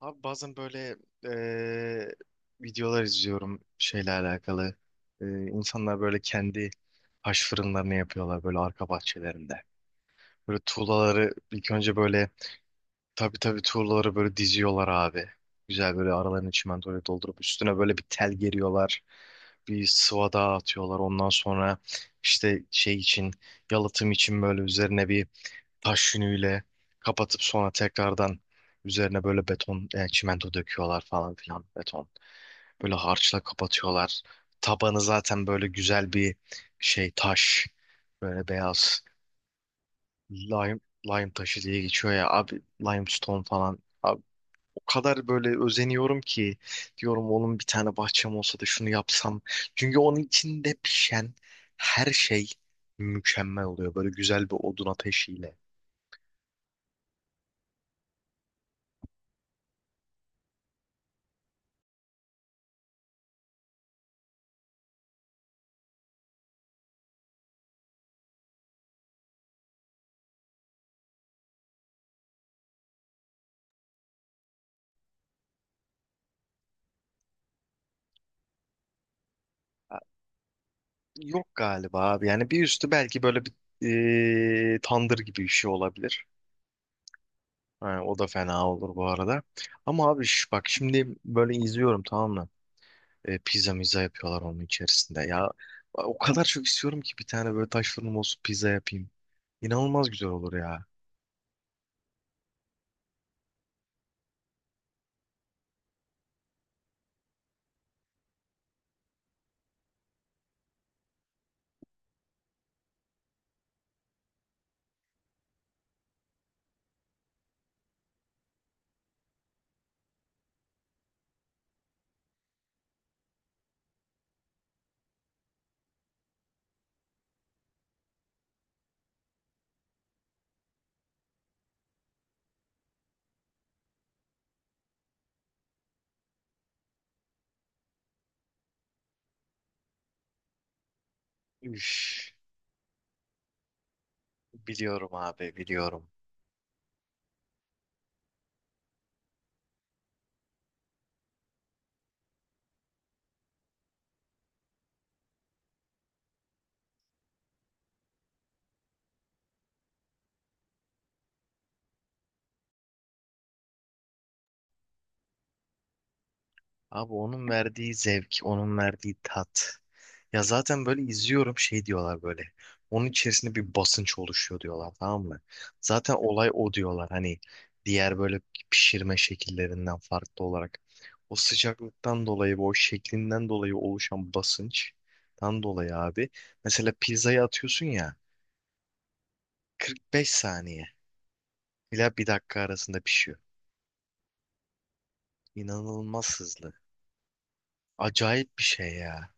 Abi bazen böyle eee, videolar izliyorum şeyle alakalı. İnsanlar böyle kendi taş fırınlarını yapıyorlar böyle arka bahçelerinde. Böyle tuğlaları ilk önce böyle tabii tabii tuğlaları böyle diziyorlar abi. Güzel böyle aralarını çimentoyla doldurup üstüne böyle bir tel geriyorlar. Bir sıvada atıyorlar. Ondan sonra işte şey için yalıtım için böyle üzerine bir taş yünüyle kapatıp sonra tekrardan üzerine böyle beton, çimento döküyorlar falan filan beton. Böyle harçla kapatıyorlar. Tabanı zaten böyle güzel bir şey taş. Böyle beyaz lime, lime taşı diye geçiyor ya abi limestone falan. Abi, o kadar böyle özeniyorum ki diyorum onun bir tane bahçem olsa da şunu yapsam. Çünkü onun içinde pişen her şey mükemmel oluyor. Böyle güzel bir odun ateşiyle. Yok galiba abi. Yani bir üstü belki böyle bir tandır gibi bir şey olabilir. Ha, o da fena olur bu arada. Ama abi şu, bak şimdi böyle izliyorum, tamam mı? Pizza miza yapıyorlar onun içerisinde. Ya o kadar çok istiyorum ki bir tane böyle taş fırınım olsun, pizza yapayım. İnanılmaz güzel olur ya. Üf. Biliyorum abi, biliyorum. Abi onun verdiği zevk, onun verdiği tat. Ya zaten böyle izliyorum, şey diyorlar böyle. Onun içerisinde bir basınç oluşuyor diyorlar, tamam mı? Zaten olay o diyorlar hani, diğer böyle pişirme şekillerinden farklı olarak. O sıcaklıktan dolayı ve o şeklinden dolayı oluşan basınçtan dolayı abi. Mesela pizzayı atıyorsun ya, 45 saniye ila bir dakika arasında pişiyor. İnanılmaz hızlı. Acayip bir şey ya.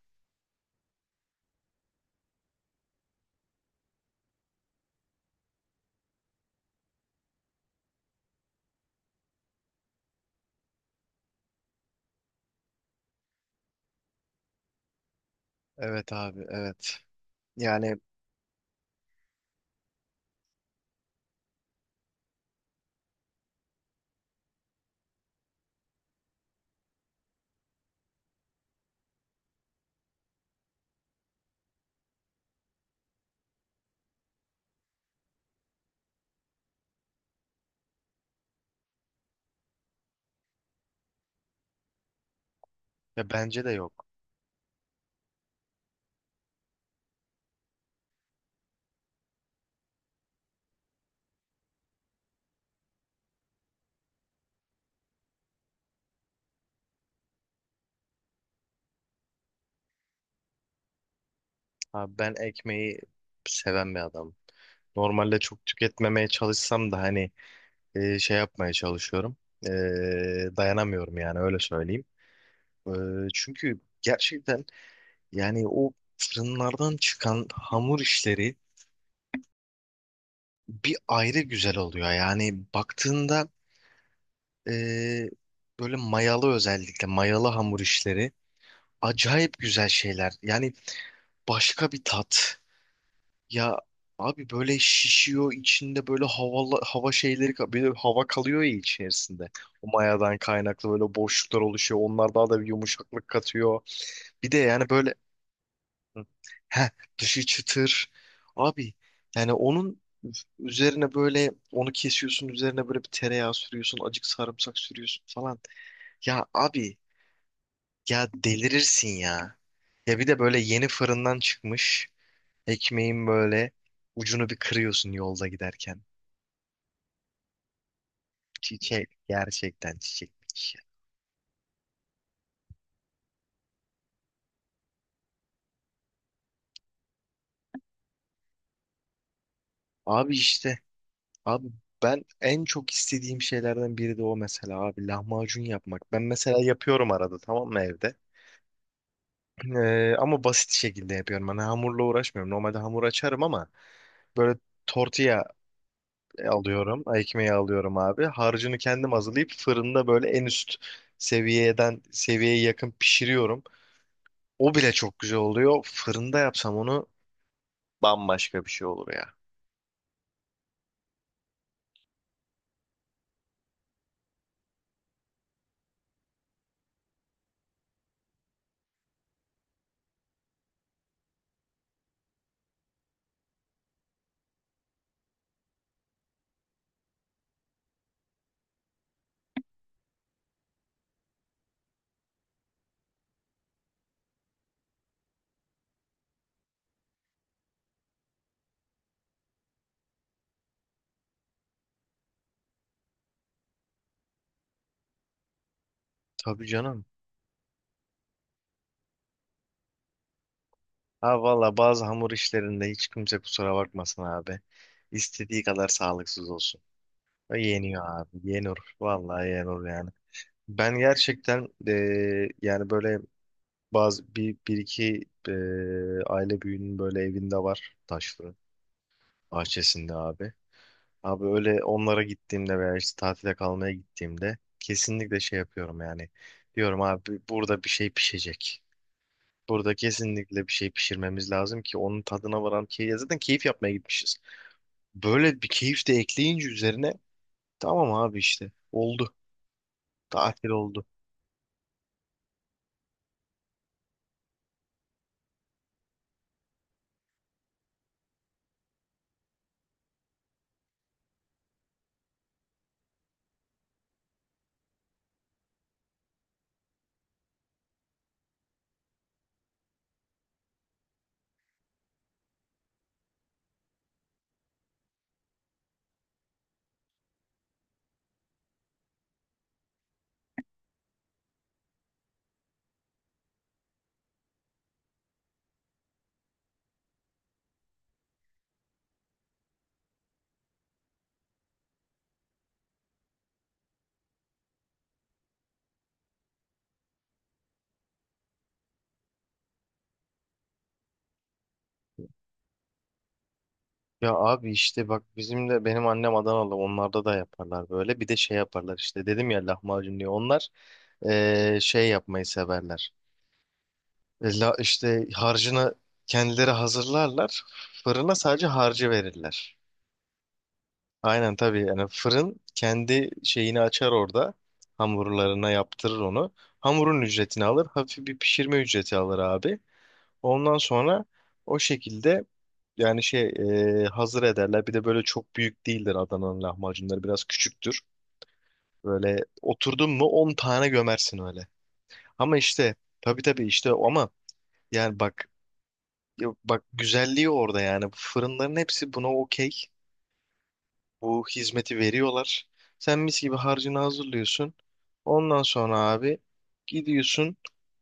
Evet abi, evet. Yani ya bence de yok. Abi ben ekmeği seven bir adam. Normalde çok tüketmemeye çalışsam da hani şey yapmaya çalışıyorum. E, dayanamıyorum yani, öyle söyleyeyim. E, çünkü gerçekten yani o fırınlardan çıkan hamur işleri bir ayrı güzel oluyor. Yani baktığında e, böyle mayalı, özellikle mayalı hamur işleri acayip güzel şeyler. Yani başka bir tat. Ya abi böyle şişiyor içinde böyle havalı, hava şeyleri böyle hava kalıyor ya içerisinde. O mayadan kaynaklı böyle boşluklar oluşuyor. Onlar daha da bir yumuşaklık katıyor. Bir de yani böyle, hı. heh, Dışı çıtır. Abi yani onun üzerine böyle, onu kesiyorsun, üzerine böyle bir tereyağı sürüyorsun, acık sarımsak sürüyorsun falan. Ya abi ya delirirsin ya. Ya bir de böyle yeni fırından çıkmış. Ekmeğin böyle ucunu bir kırıyorsun yolda giderken. Çiçek, gerçekten çiçekmiş, ya. Abi işte abi ben en çok istediğim şeylerden biri de o mesela abi, lahmacun yapmak. Ben mesela yapıyorum arada, tamam mı, evde. Ama basit şekilde yapıyorum. Hani hamurla uğraşmıyorum. Normalde hamur açarım ama böyle tortilla alıyorum, ekmeği alıyorum abi. Harcını kendim hazırlayıp fırında böyle en üst seviyeden, seviyeye yakın pişiriyorum. O bile çok güzel oluyor. Fırında yapsam onu bambaşka bir şey olur ya. Tabii canım. Ha valla bazı hamur işlerinde hiç kimse kusura bakmasın abi. İstediği kadar sağlıksız olsun. O yeniyor abi. Yenir. Vallahi yenir yani. Ben gerçekten yani böyle bazı bir iki aile büyüğünün böyle evinde var taş fırın, bahçesinde abi. Abi öyle onlara gittiğimde veya işte tatile kalmaya gittiğimde kesinlikle şey yapıyorum yani. Diyorum abi, burada bir şey pişecek. Burada kesinlikle bir şey pişirmemiz lazım ki onun tadına varan, ki ya zaten keyif yapmaya gitmişiz. Böyle bir keyif de ekleyince üzerine, tamam abi işte, oldu. Tatil oldu. Ya abi işte bak, bizim de, benim annem Adanalı, onlarda da yaparlar böyle. Bir de şey yaparlar işte, dedim ya lahmacun diye. Onlar Şey yapmayı severler. E, La, işte harcını kendileri hazırlarlar. Fırına sadece harcı verirler. Aynen tabii, yani fırın kendi şeyini açar orada. Hamurlarına yaptırır onu. Hamurun ücretini alır. Hafif bir pişirme ücreti alır abi. Ondan sonra o şekilde yani şey, hazır ederler. Bir de böyle çok büyük değildir Adana'nın lahmacunları. Biraz küçüktür. Böyle oturdun mu 10 tane gömersin öyle. Ama işte tabii tabii işte ama, yani bak, ya bak, güzelliği orada yani. Fırınların hepsi buna okey. Bu hizmeti veriyorlar. Sen mis gibi harcını hazırlıyorsun. Ondan sonra abi gidiyorsun,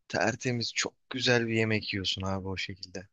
tertemiz çok güzel bir yemek yiyorsun abi o şekilde.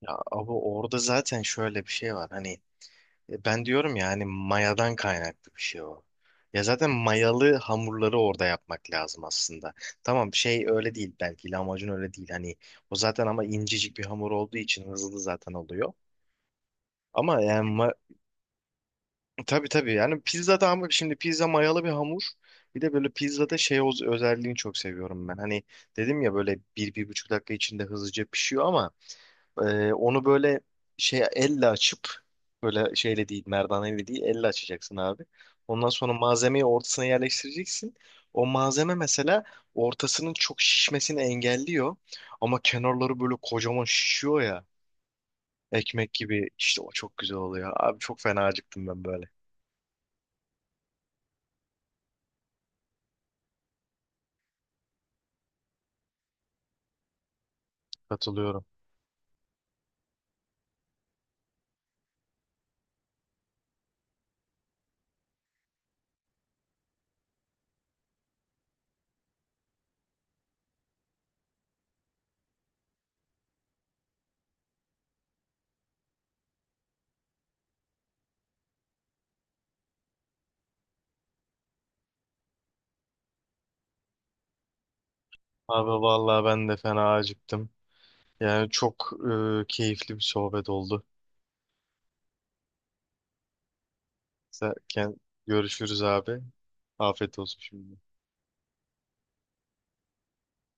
Ya abi orada zaten şöyle bir şey var hani, ben diyorum ya hani mayadan kaynaklı bir şey o. Ya zaten mayalı hamurları orada yapmak lazım aslında. Tamam, şey öyle değil belki, lahmacun öyle değil hani, o zaten ama incecik bir hamur olduğu için hızlı zaten oluyor. Ama yani tabii tabii yani pizza da, ama şimdi pizza mayalı bir hamur. Bir de böyle pizzada şey, o özelliğini çok seviyorum ben. Hani dedim ya, böyle bir, bir buçuk dakika içinde hızlıca pişiyor ama onu böyle şey elle açıp, böyle şeyle değil, merdaneyle değil, elle açacaksın abi. Ondan sonra malzemeyi ortasına yerleştireceksin. O malzeme mesela ortasının çok şişmesini engelliyor. Ama kenarları böyle kocaman şişiyor ya. Ekmek gibi işte, o çok güzel oluyor. Abi çok fena acıktım ben böyle. Katılıyorum. Abi vallahi ben de fena acıktım. Yani çok keyifli bir sohbet oldu. Sen, kend- Görüşürüz abi. Afiyet olsun şimdi.